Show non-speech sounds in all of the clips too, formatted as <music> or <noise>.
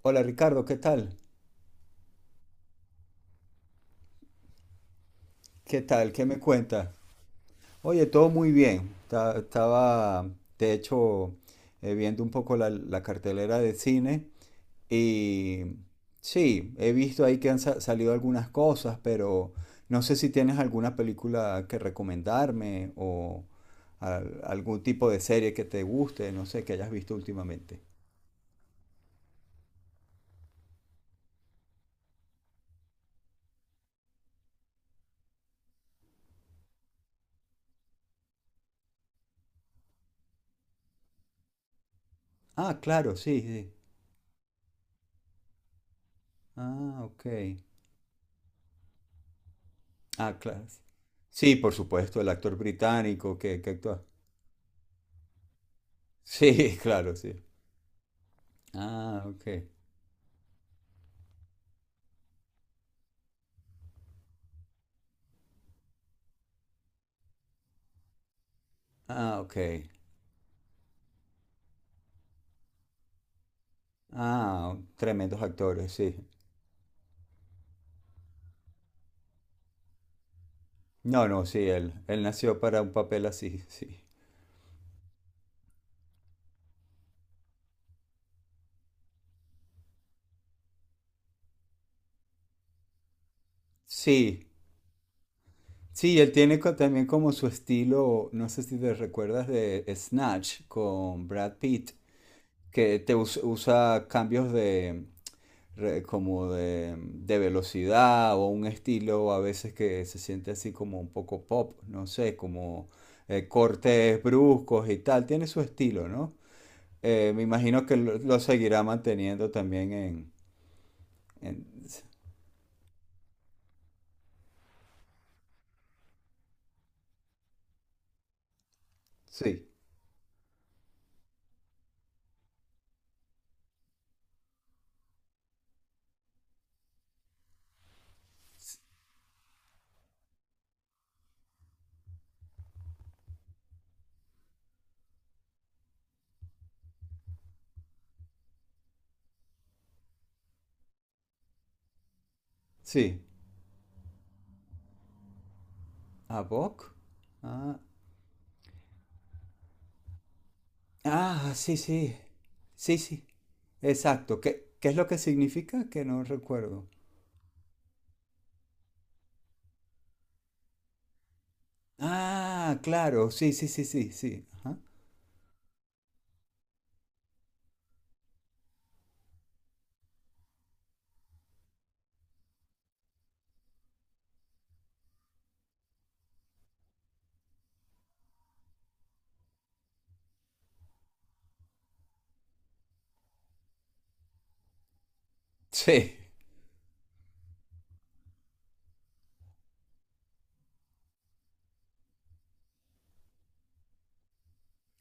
Hola Ricardo, ¿qué tal? ¿Qué tal? ¿Qué me cuentas? Oye, todo muy bien. Estaba, de hecho, viendo un poco la cartelera de cine y sí, he visto ahí que han salido algunas cosas, pero no sé si tienes alguna película que recomendarme o algún tipo de serie que te guste, no sé, que hayas visto últimamente. Ah, claro, sí, sí. Ah, ok. Ah, claro. Sí, por supuesto, el actor británico que actúa. Sí, <laughs> claro, sí. Ah, ok. Ah, ok. Ah, tremendos actores, sí. No, no, sí, él nació para un papel así, sí. Sí, sí, él tiene también como su estilo, no sé si te recuerdas de Snatch con Brad Pitt, que te usa cambios de, como de velocidad o un estilo a veces que se siente así como un poco pop, no sé, como cortes bruscos y tal, tiene su estilo, ¿no? Me imagino que lo seguirá manteniendo también en. Sí, sí. ¿A Vogue? Ah, ah, sí, sí. Sí, sí. Exacto. ¿Qué es lo que significa? Que no recuerdo. Ah, claro, sí, sí, sí, sí, sí. Ajá. Sí.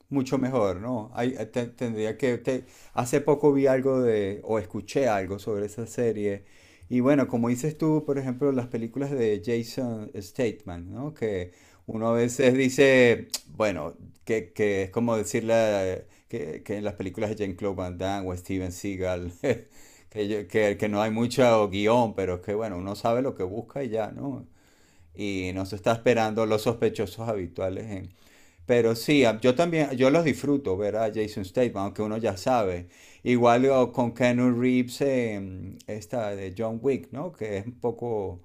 Mucho mejor, ¿no? Hace poco vi algo de, o escuché algo sobre esa serie. Y bueno, como dices tú, por ejemplo, las películas de Jason Statham, ¿no? Que uno a veces dice, bueno, que es como decirle que en las películas de Jean-Claude Van Damme o Steven Seagal, <laughs> que no hay mucho guión, pero es que bueno, uno sabe lo que busca y ya, ¿no? Y no se está esperando los sospechosos habituales, pero sí, yo también, yo los disfruto ver a Jason Statham, aunque uno ya sabe. Igual o con Keanu Reeves, esta de John Wick, ¿no? Que es un poco,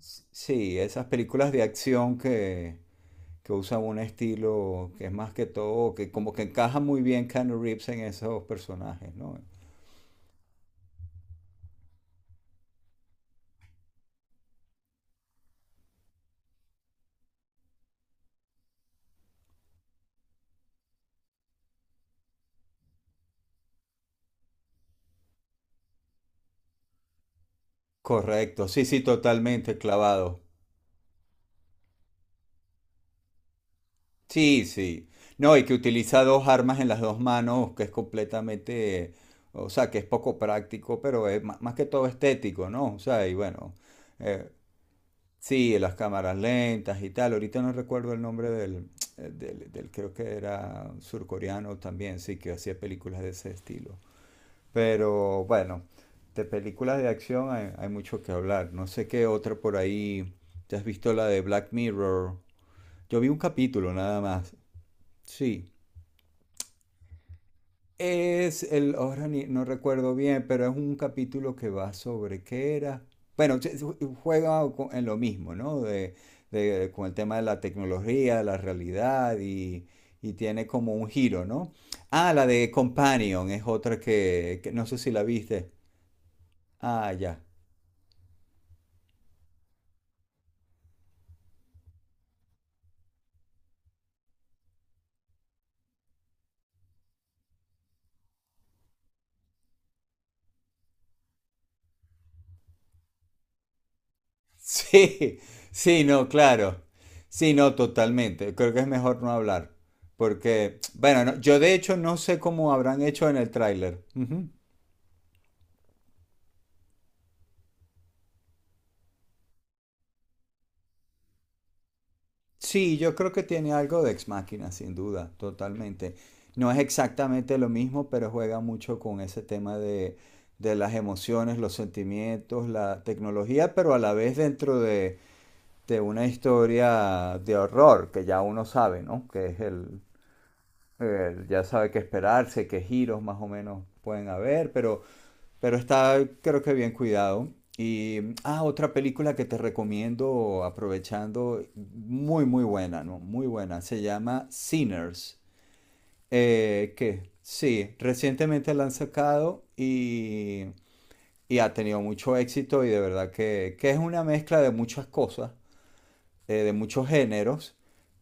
sí, esas películas de acción que usan un estilo que es más que todo, que como que encaja muy bien Keanu Reeves en esos personajes, ¿no? Correcto, sí, sí, totalmente clavado. Sí, sí. No, y que utiliza dos armas en las dos manos, que es completamente, o sea, que es poco práctico, pero es más que todo estético, ¿no? O sea, y bueno, eh, sí, las cámaras lentas y tal. Ahorita no recuerdo el nombre <tsk> creo que era surcoreano también, sí, que hacía películas de ese estilo. Pero bueno, de películas de acción hay mucho que hablar. No sé qué otra por ahí. ¿Te has visto la de Black Mirror? Yo vi un capítulo nada más. Sí. Es el, ahora no recuerdo bien, pero es un capítulo que va sobre qué era. Bueno, se juega en lo mismo, ¿no? Con el tema de la tecnología, de la realidad y, tiene como un giro, ¿no? Ah, la de Companion es otra que no sé si la viste. Ah, ya. <laughs> Sí, sí, no, claro. Sí, no, totalmente. Creo que es mejor no hablar. Porque, bueno, yo de hecho no sé cómo habrán hecho en el tráiler. Sí, yo creo que tiene algo de Ex máquina, sin duda, totalmente. No es exactamente lo mismo, pero juega mucho con ese tema de, las emociones, los sentimientos, la tecnología, pero a la vez dentro de una historia de horror, que ya uno sabe, ¿no? Ya sabe qué esperarse, qué giros más o menos pueden haber, pero está creo que bien cuidado. Y, ah, otra película que te recomiendo aprovechando, muy, muy buena, ¿no? Muy buena, se llama Sinners, que sí, recientemente la han sacado y ha tenido mucho éxito y de verdad que es una mezcla de muchas cosas de muchos géneros,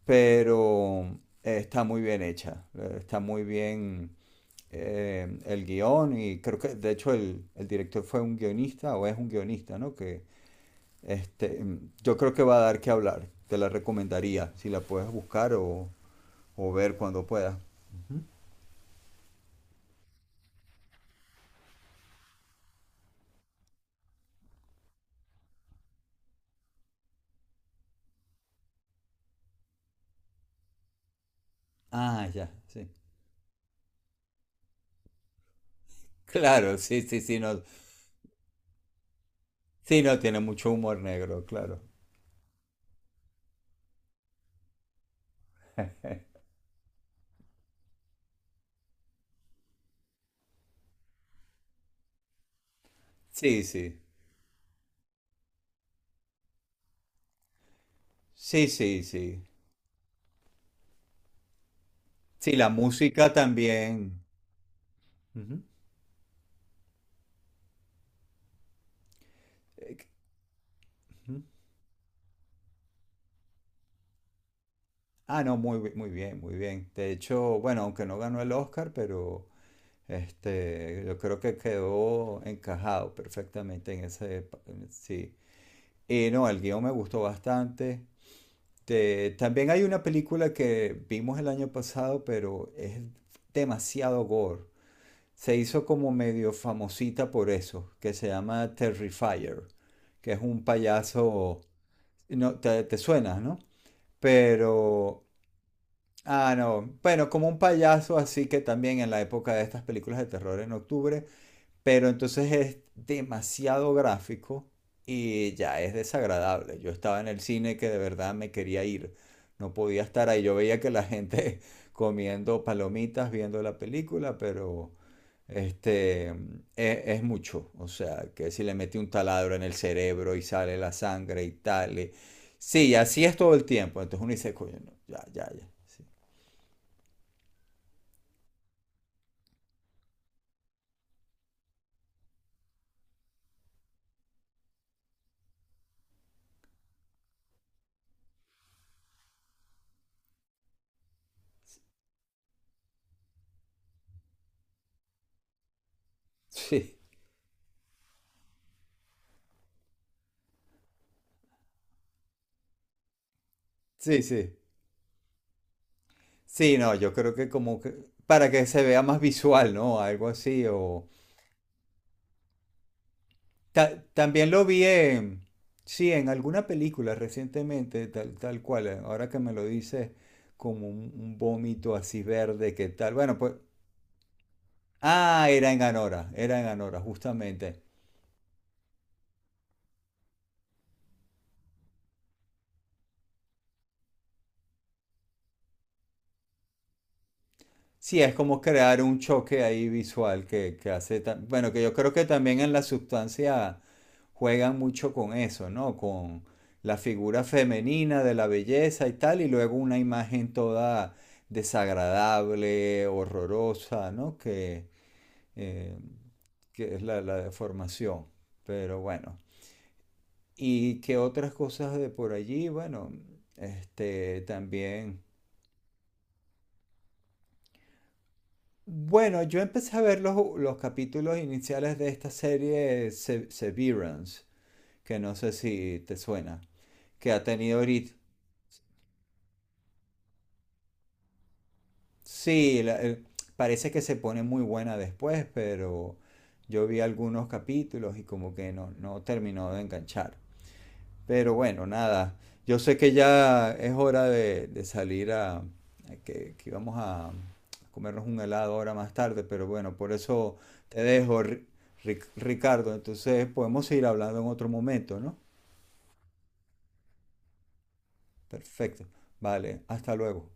pero está muy bien hecha, está muy bien, el guión y creo que de hecho el director fue un guionista o es un guionista, ¿no? Que este, yo creo que va a dar que hablar, te la recomendaría si la puedes buscar o ver cuando puedas. Ah, ya, sí. Claro, sí, sí, sí, no, sí, no tiene mucho humor negro, claro. Sí, sí, sí, sí, sí. Sí, la música también. Ujú. Ujú. Ah, no, muy, muy bien, muy bien. De hecho, bueno, aunque no ganó el Oscar, pero este, yo creo que quedó encajado perfectamente en ese, sí. Y no, el guión me gustó bastante. También hay una película que vimos el año pasado, pero es demasiado gore. Se hizo como medio famosita por eso, que se llama Terrifier, que es un payaso, no, te suena, ¿no? Pero Ah, no. Bueno, como un payaso así que también en la época de estas películas de terror en octubre, pero entonces es demasiado gráfico y ya es desagradable. Yo estaba en el cine que de verdad me quería ir, no podía estar ahí. Yo veía que la gente <laughs> comiendo palomitas, viendo la película, pero este es mucho. O sea, que si le mete un taladro en el cerebro y sale la sangre y tal. Sí, así es todo el tiempo. Entonces uno dice, coño, no, ya, ya, ya. Sí, sí, sí. Sí, no, yo creo que como que para que se vea más visual, ¿no? Algo así. O también lo vi en, sí, en alguna película recientemente, tal, tal cual. Ahora que me lo dices, como un, vómito así verde, que tal? Bueno, pues, era en Anora, justamente. Sí, es como crear un choque ahí visual que hace, bueno, que yo creo que también en la sustancia juegan mucho con eso, ¿no? Con la figura femenina de la belleza y tal, y luego una imagen toda desagradable, horrorosa, ¿no? Eh, que es la deformación. Pero bueno, y que otras cosas de por allí, bueno, este también. Bueno, yo empecé a ver los capítulos iniciales de esta serie Severance, que no sé si te suena, que ha tenido ahorita, sí, parece que se pone muy buena después, pero yo vi algunos capítulos y como que no, no terminó de enganchar. Pero bueno, nada, yo sé que ya es hora de salir a que vamos a comernos un helado ahora más tarde, pero bueno, por eso te dejo, Ricardo. Entonces podemos seguir hablando en otro momento, ¿no? Perfecto. Vale, hasta luego.